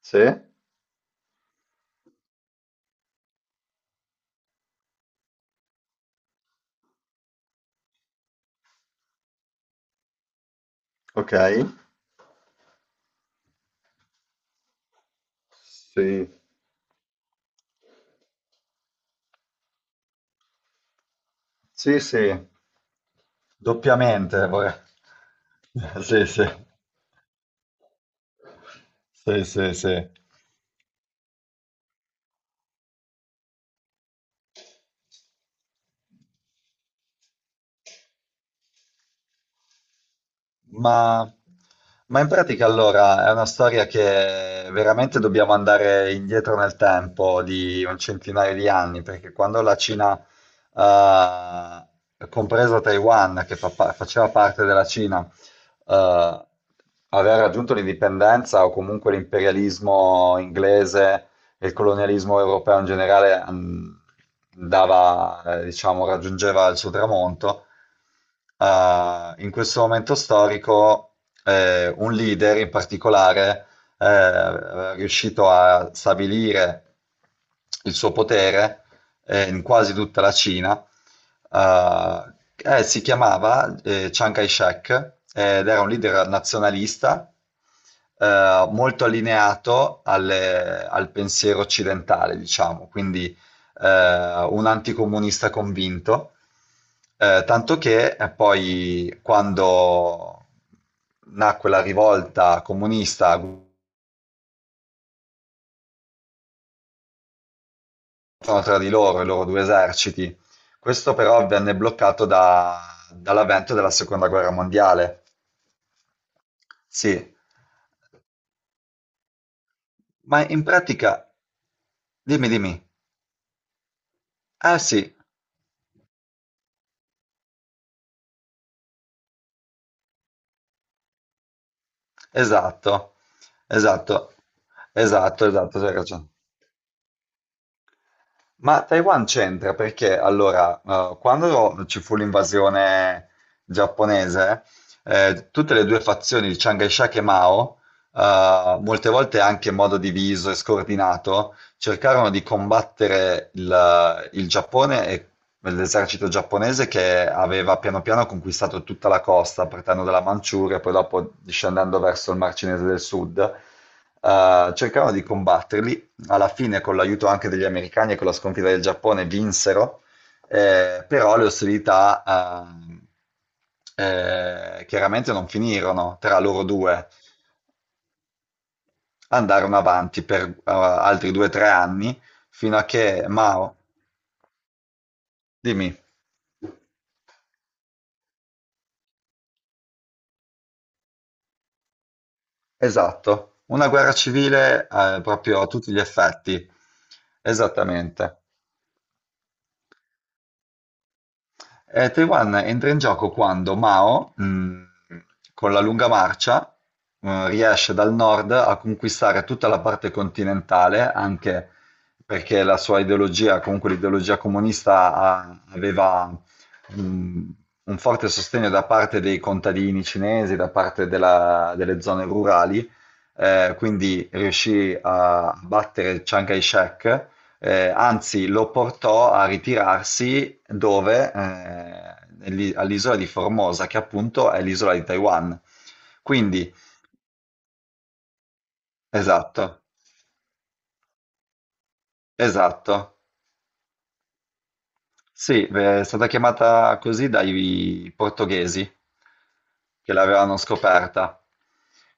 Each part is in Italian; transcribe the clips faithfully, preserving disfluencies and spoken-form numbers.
Sì, ok. Sì, sì, sì, doppiamente. vorrei- Sì, sì, sì, sì, sì. Ma, ma in pratica allora è una storia che veramente dobbiamo andare indietro nel tempo di un centinaio di anni, perché quando la Cina, eh, compresa Taiwan, che fa pa- faceva parte della Cina, eh, aveva raggiunto l'indipendenza o comunque l'imperialismo inglese e il colonialismo europeo in generale mh, andava, eh, diciamo, raggiungeva il suo tramonto. Eh, in questo momento storico, eh, un leader in particolare eh, è riuscito a stabilire il suo potere eh, in quasi tutta la Cina. eh, eh, si chiamava eh, Chiang Kai-shek, eh, ed era un leader nazionalista, eh, molto allineato alle- al pensiero occidentale, diciamo, quindi eh, un anticomunista convinto. Eh, tanto che eh, poi quando nacque la rivolta comunista tra di loro, i loro due eserciti. Questo però venne bloccato da- dall'avvento della seconda guerra mondiale. Sì, ma in pratica, dimmi, dimmi. Ah sì, esatto, esatto, esatto, esatto, hai ragione. Ma Taiwan c'entra perché allora, eh, quando ci fu l'invasione giapponese, eh, tutte le due fazioni di Chiang Kai-shek e Mao, eh, molte volte anche in modo diviso e scordinato, cercarono di combattere il, il Giappone e l'esercito giapponese che aveva piano piano conquistato tutta la costa, partendo dalla Manciuria e poi dopo discendendo verso il Mar Cinese del Sud. eh, cercarono di combatterli alla fine con l'aiuto anche degli americani e con la sconfitta del Giappone vinsero, eh, però le ostilità eh, eh, chiaramente non finirono tra loro due, andarono avanti per eh, altri due o tre anni fino a che Mao, dimmi, esatto, una guerra civile eh, proprio a tutti gli effetti, esattamente. Eh, Taiwan entra in gioco quando Mao, mh, con la lunga marcia, mh, riesce dal nord a conquistare tutta la parte continentale, anche perché la sua ideologia, comunque l'ideologia comunista, ha- aveva mh, un forte sostegno da parte dei contadini cinesi, da parte della- delle zone rurali, eh, quindi riuscì a battere Chiang Kai-shek, eh, anzi, lo portò a ritirarsi dove? Eh, nell'i- all'isola di Formosa, che appunto è l'isola di Taiwan. Quindi, esatto, esatto. Sì, beh, è stata chiamata così dai portoghesi che l'avevano scoperta.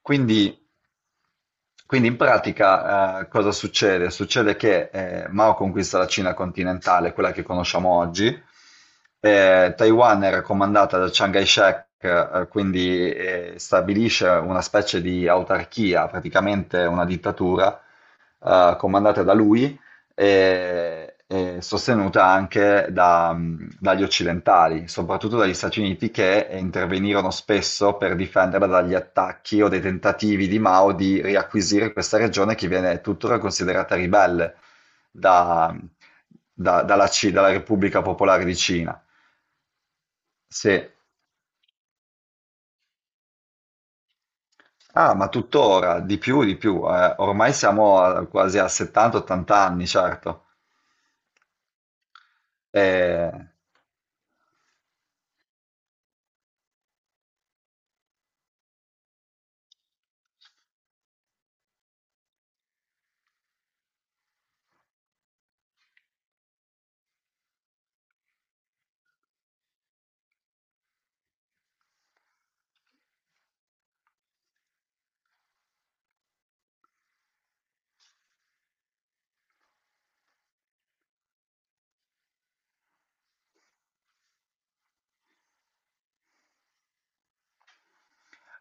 Quindi, quindi in pratica, eh, cosa succede? Succede che eh, Mao conquista la Cina continentale, quella che conosciamo oggi. Eh, Taiwan era comandata da Chiang Kai-shek, eh, quindi eh, stabilisce una specie di autarchia, praticamente una dittatura eh, comandata da lui e, e sostenuta anche da, mh, dagli occidentali, soprattutto dagli Stati Uniti che intervenirono spesso per difenderla dagli attacchi o dei tentativi di Mao di riacquisire questa regione che viene tuttora considerata ribelle da- da- dalla, C- dalla Repubblica Popolare di Cina. Sì. Ah, ma tuttora, di più, di più. eh, Ormai siamo a- quasi a settanta ottanta anni, certo. Eh,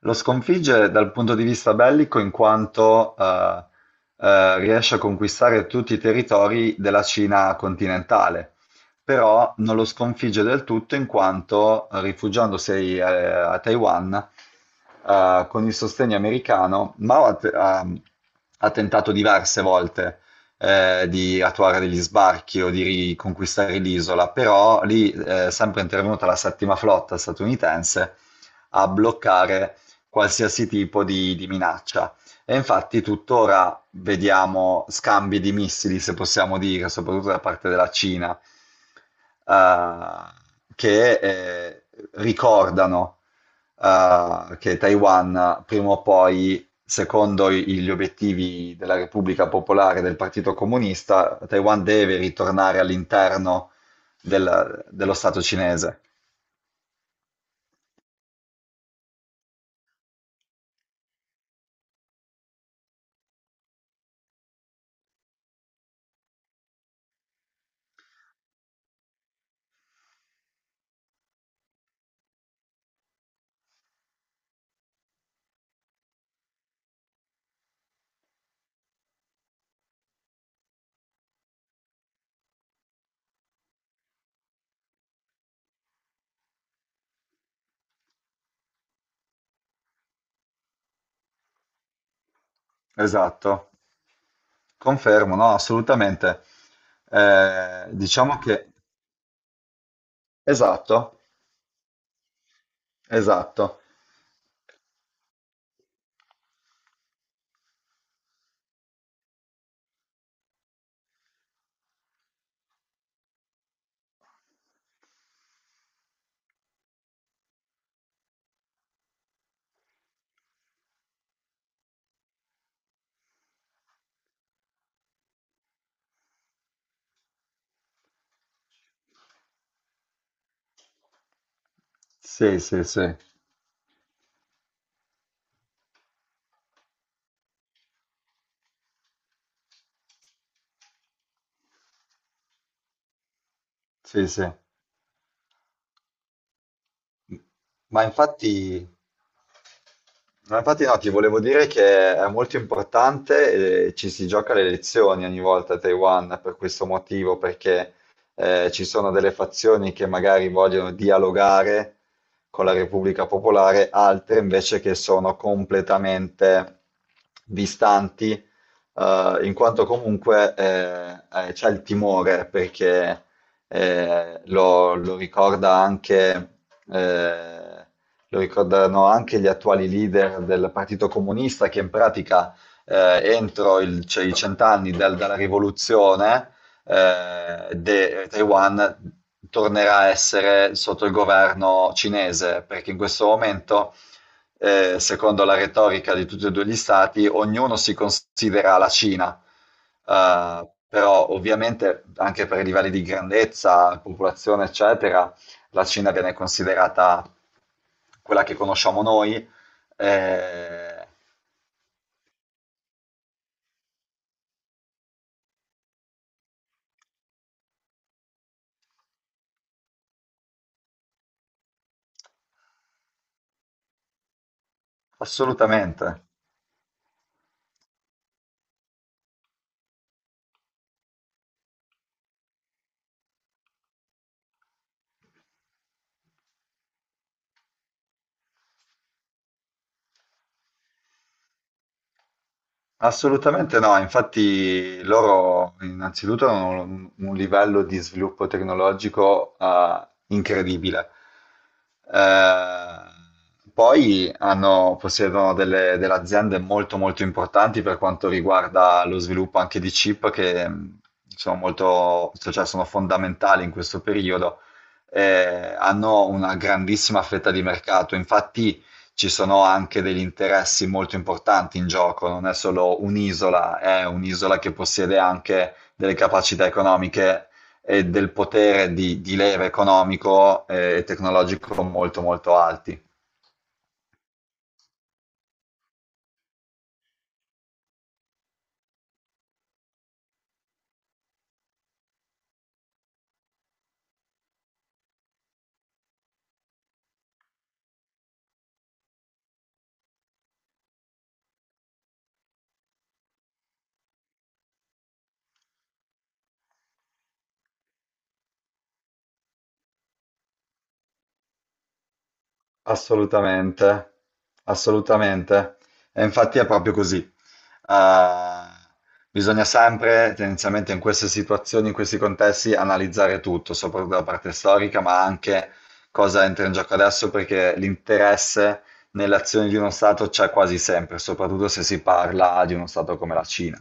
Lo sconfigge dal punto di vista bellico in quanto eh, eh, riesce a conquistare tutti i territori della Cina continentale, però non lo sconfigge del tutto in quanto eh, rifugiandosi eh, a Taiwan eh, con il sostegno americano, Mao ha, te- ha- ha tentato diverse volte eh, di attuare degli sbarchi o di riconquistare l'isola, però lì eh, sempre è intervenuta la settima flotta statunitense a bloccare qualsiasi tipo di, di minaccia. E infatti tuttora vediamo scambi di missili, se possiamo dire, soprattutto da parte della Cina, eh, che eh, ricordano eh, che Taiwan prima o poi, secondo i- gli obiettivi della Repubblica Popolare e del Partito Comunista, Taiwan deve ritornare all'interno del- dello Stato cinese. Esatto. Confermo, no, assolutamente. Eh, diciamo che... Esatto, esatto. Sì, sì, sì, sì, sì. Ma infatti... No, infatti no, ti volevo dire che è molto importante, eh, ci si gioca le elezioni ogni volta a Taiwan per questo motivo, perché eh, ci sono delle fazioni che magari vogliono dialogare con la Repubblica Popolare, altre invece che sono completamente distanti, eh, in quanto comunque eh, eh, c'è il timore, perché eh, lo, lo ricorda anche... eh, lo ricordano anche gli attuali leader del Partito Comunista che in pratica eh, entro il- cioè, i cent'anni dal- dalla rivoluzione eh, de- Taiwan tornerà a essere sotto il governo cinese, perché in questo momento, eh, secondo la retorica di tutti e due gli stati, ognuno si considera la Cina. Eh, però ovviamente anche per i livelli di grandezza, popolazione, eccetera, la Cina viene considerata quella che conosciamo noi, eh, assolutamente. Assolutamente no, infatti loro innanzitutto hanno un, un livello di sviluppo tecnologico eh, incredibile. Eh, poi hanno- possiedono delle, delle aziende molto molto importanti per quanto riguarda lo sviluppo anche di chip che mh, sono molto, cioè sono fondamentali in questo periodo. Eh, hanno una grandissima fetta di mercato, infatti ci sono anche degli interessi molto importanti in gioco, non è solo un'isola, è un'isola che possiede anche delle capacità economiche e del potere di, di leva economico eh, e tecnologico molto molto alti. Assolutamente, assolutamente. E infatti è proprio così. Eh, bisogna sempre, tendenzialmente in queste situazioni, in questi contesti, analizzare tutto, soprattutto la parte storica, ma anche cosa entra in gioco adesso, perché l'interesse nelle azioni di uno Stato c'è quasi sempre, soprattutto se si parla di uno Stato come la Cina.